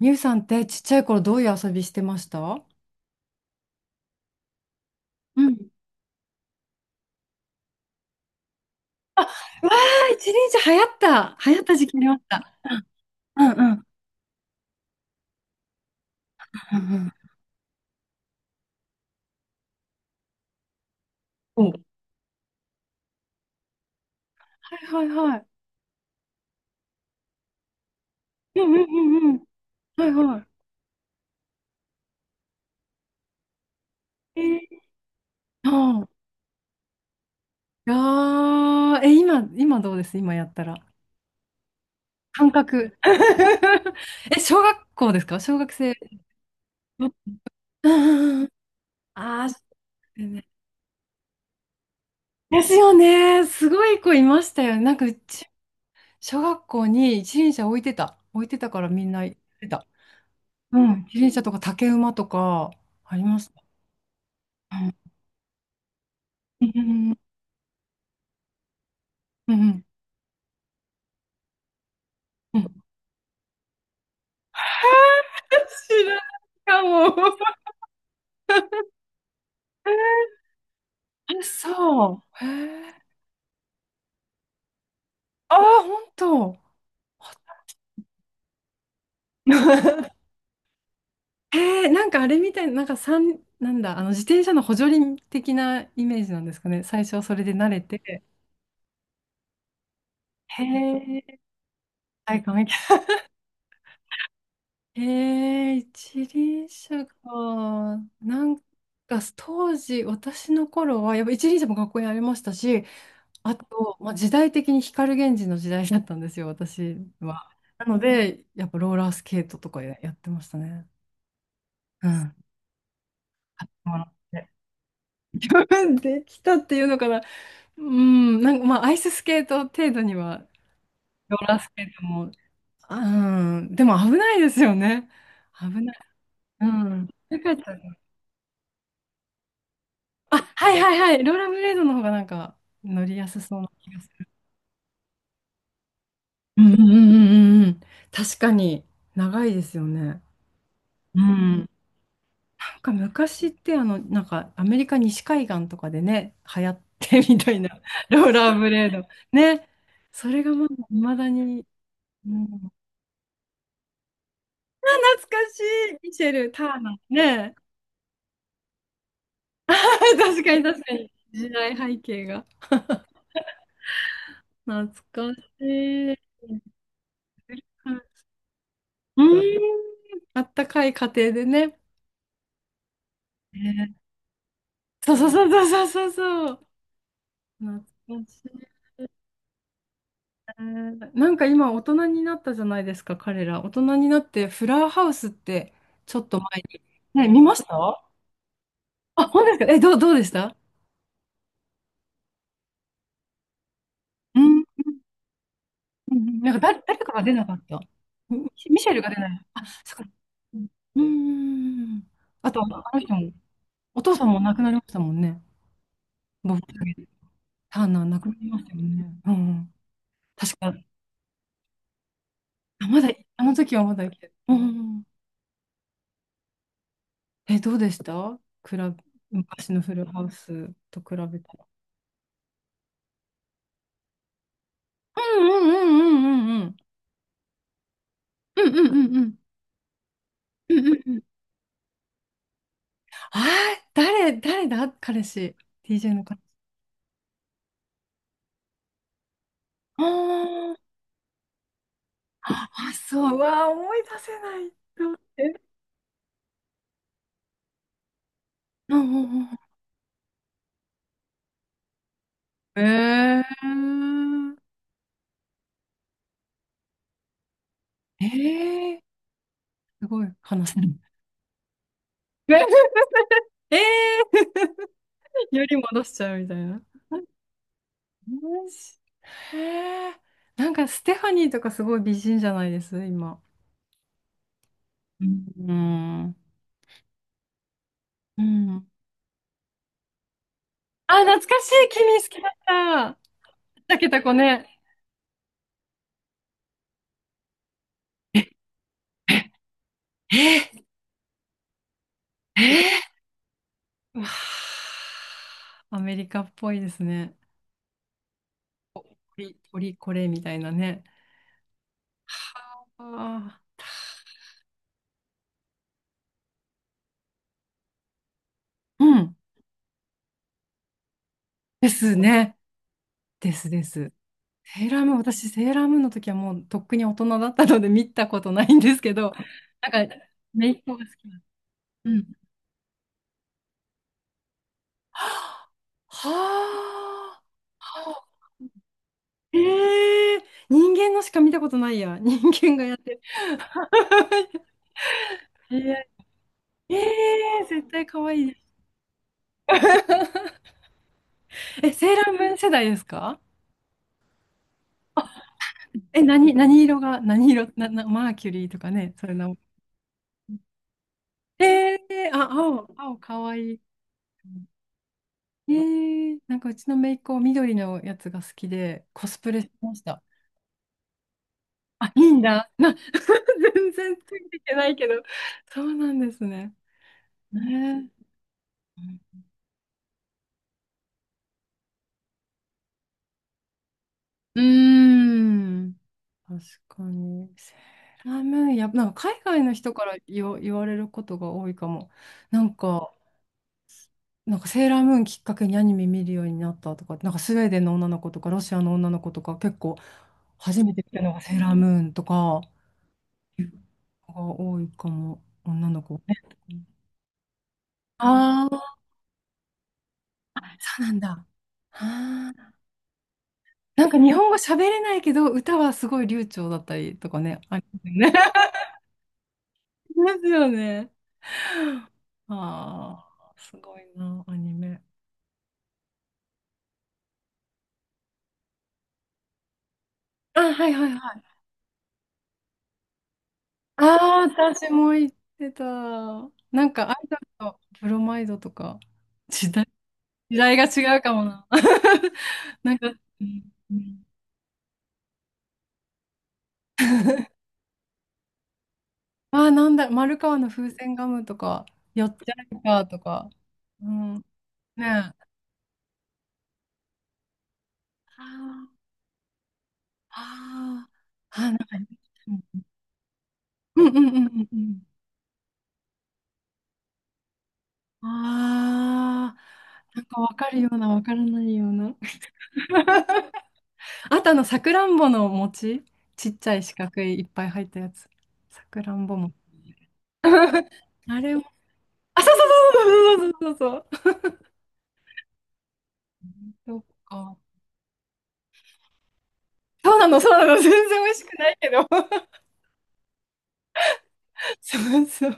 みゆさんってちっちゃい頃どういう遊びしてましたうん。うわあ、一輪車流行った。流行った時期ありました。うんうん。うんうん。んはいはいはい。うんうんうんうんはいはい。えー、ああ、いやーえ、今どうです今やったら。感覚。え、小学校ですか小学生。うんうんうん。ああ、そうですねですよね。すごい子いましたよね。なんかうち、小学校に一輪車置いてた。置いてたからみんな行ってた。うん、自転車とか竹馬とかありますね。うん、うん、うん、うん。うん 知らないかも。え、そう。へえ。ああ、本当。へえ、なんかあれみたいな、なんか三、なんだ、あの自転車の補助輪的なイメージなんですかね。最初はそれで慣れて。へえ、体感へえ、一輪車か。なんか、当時、私の頃は、やっぱ一輪車も学校にありましたし、あと、まあ、時代的に光源氏の時代だったんですよ、私は。なので、やっぱローラースケートとかやってましたね。うん。買ってもらって。自分できたっていうのかな。うん、なんかまあ、アイススケート程度には、ローラースケートも、うん、でも危ないですよね。危ない。うん。よかったあ、はいはいはい。ローラーブレードの方がなんか乗りやすそうな気がする。うんうんうんうんうん。確かに長いですよね。うん。なんか昔ってあの、なんかアメリカ西海岸とかでね、流行ってみたいな、ローラーブレード。ね。それがまだ未だに、うん、懐かしい、ミシェル・ターナー。ね。確かに確かに。時代背景が。懐かしい。はいうん。あったかい家庭でね。ねそうそうそうそうそうそう。懐かしいね。なんか今大人になったじゃないですか、彼ら。大人になってフラーハウスってちょっと前に。ね、見ましたあ、本当ですかえ、どうでしたうん、うん、うん。なんか誰かが出なかった。ミシェルが出ない。あ、そっか。うんうん。あと、あの人も、お父さんも亡くなりましたもんね。ボブ・ターナー亡くなりましたよね。うんうん。確か、あまだ、あの時はまだ生きてる。うんうんうんえ、どうでした比べ、昔のフルハウスと比べたら。うんうんうんうんうんうんうんうんうんうんうんあー誰だ彼氏。TJ の彼氏。あーあそううわー、思い出せないって。うんうんうんえー、えー、すごい話せる。えー、より戻しちゃうみたいな。よしへえ。なんかステファニーとかすごい美人じゃないです、今。うん。うん。あ、懐かしい。君好きだった。竹けた子ね。え、え、ええわあアメリカっぽいですね。鳥これみたいなね。はあ。うん。ですね。ですです。セーラームーン、私、セーラームーンの時はもうとっくに大人だったので見たことないんですけど、なんか、姪っ子が好きな。うん。はあ。はあえー、人間のしか見たことないや。人間がやってる。えー、えー絶対可愛いね。え、セーラームーン世代ですかえ、何、何色が、何色、な、な、マーキュリーとかね、それな。えー、あ、青、可愛い。えー、なんかうちの姪っ子、緑のやつが好きで、コスプレしてました。あ、いいんだ。な、全然ついていけないけど。そうなんですね。ねえ。うーん。確かに。セーラームーン、やっぱ、なんか海外の人から言われることが多いかも。なんか、なんかセーラームーンきっかけにアニメ見るようになったとか、なんかスウェーデンの女の子とか、ロシアの女の子とか、結構初めて見たのがセーラームーンとか、いう子が多いかも、女の子はね。ああ、そうなんだ。あーなんか日本語喋れないけど、歌はすごい流暢だったりとかね、ありますよね。ありますよね。ああ、すごいな、アニメ。あ、はいはいはい。ああ、私も言ってた。なんかアイドルとブロマイドとか、時代、時代が違うかもな。なんか、うんああ、なんだ、丸川の風船ガムとか、よっちゃんかとか、うん、ねえ。ああ、ああ、あなんか、うんうんうんうんうん。ああ、なんかわかるような、わからないような。あとあの、さくらんぼの餅。ちっちゃい四角いいっぱい入ったやつ。さくらんぼも。あれも。あ、そうそうそうそうそうそうそうそう。そっか。そうなの、そうなの。全然美味しくないけど。そうそう。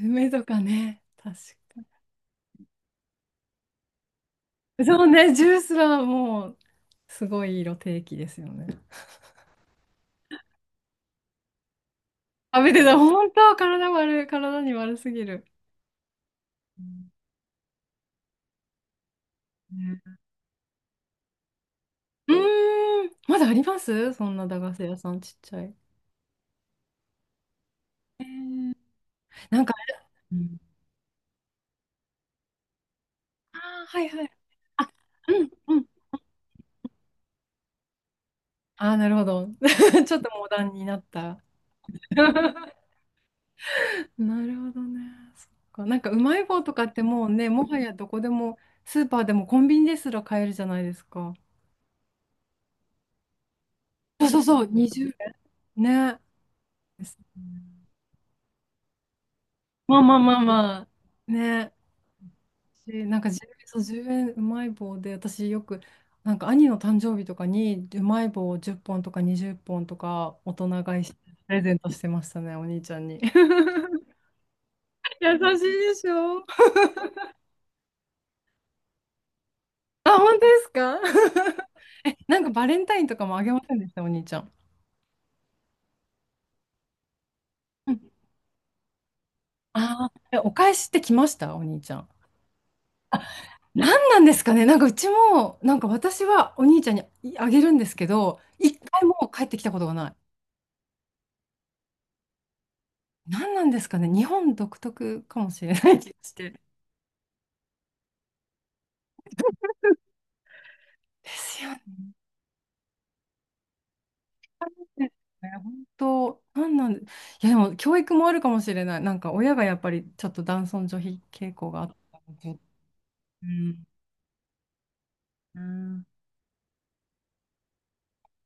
梅とかね。確かに。そうね、ジュースはもう、すごい色定期ですよね。食べてた、本当、体悪い、体に悪すぎる。うんねうーん、まだありますそんな駄菓子屋さんちっちゃい。えーなんか、うんああ、はいはい。うんうん。ああ、なるほど。ちょっとモダンになった。なるほどね。そっか。なんかうまい棒とかってもうね、もはやどこでも、スーパーでもコンビニですら買えるじゃないですか。そうそうそう、20円。ね。ですねまあまあまあまあ。ね。しなんか1円、そう、10円うえんうまい棒で、私よく、なんか兄の誕生日とかにうまい棒を10本とか20本とか大人買いしてプレゼントしてましたね、お兄ちゃんに。優しいでしょあ、本当ですか え、なんかバレンタインとかもあげませんでした、お兄ちゃん。うんああえ、お返しって来ました、お兄ちゃん。あ、何なんですかね、なんかうちも、なんか私はお兄ちゃんにあげるんですけど、一回も帰ってきたことがない。何なんですかね、日本独特かもしれない気がして。ですよね。ね本当、なんなんで、いやでも教育もあるかもしれない。なんか親がやっぱりちょっと男尊女卑傾向があったので。うん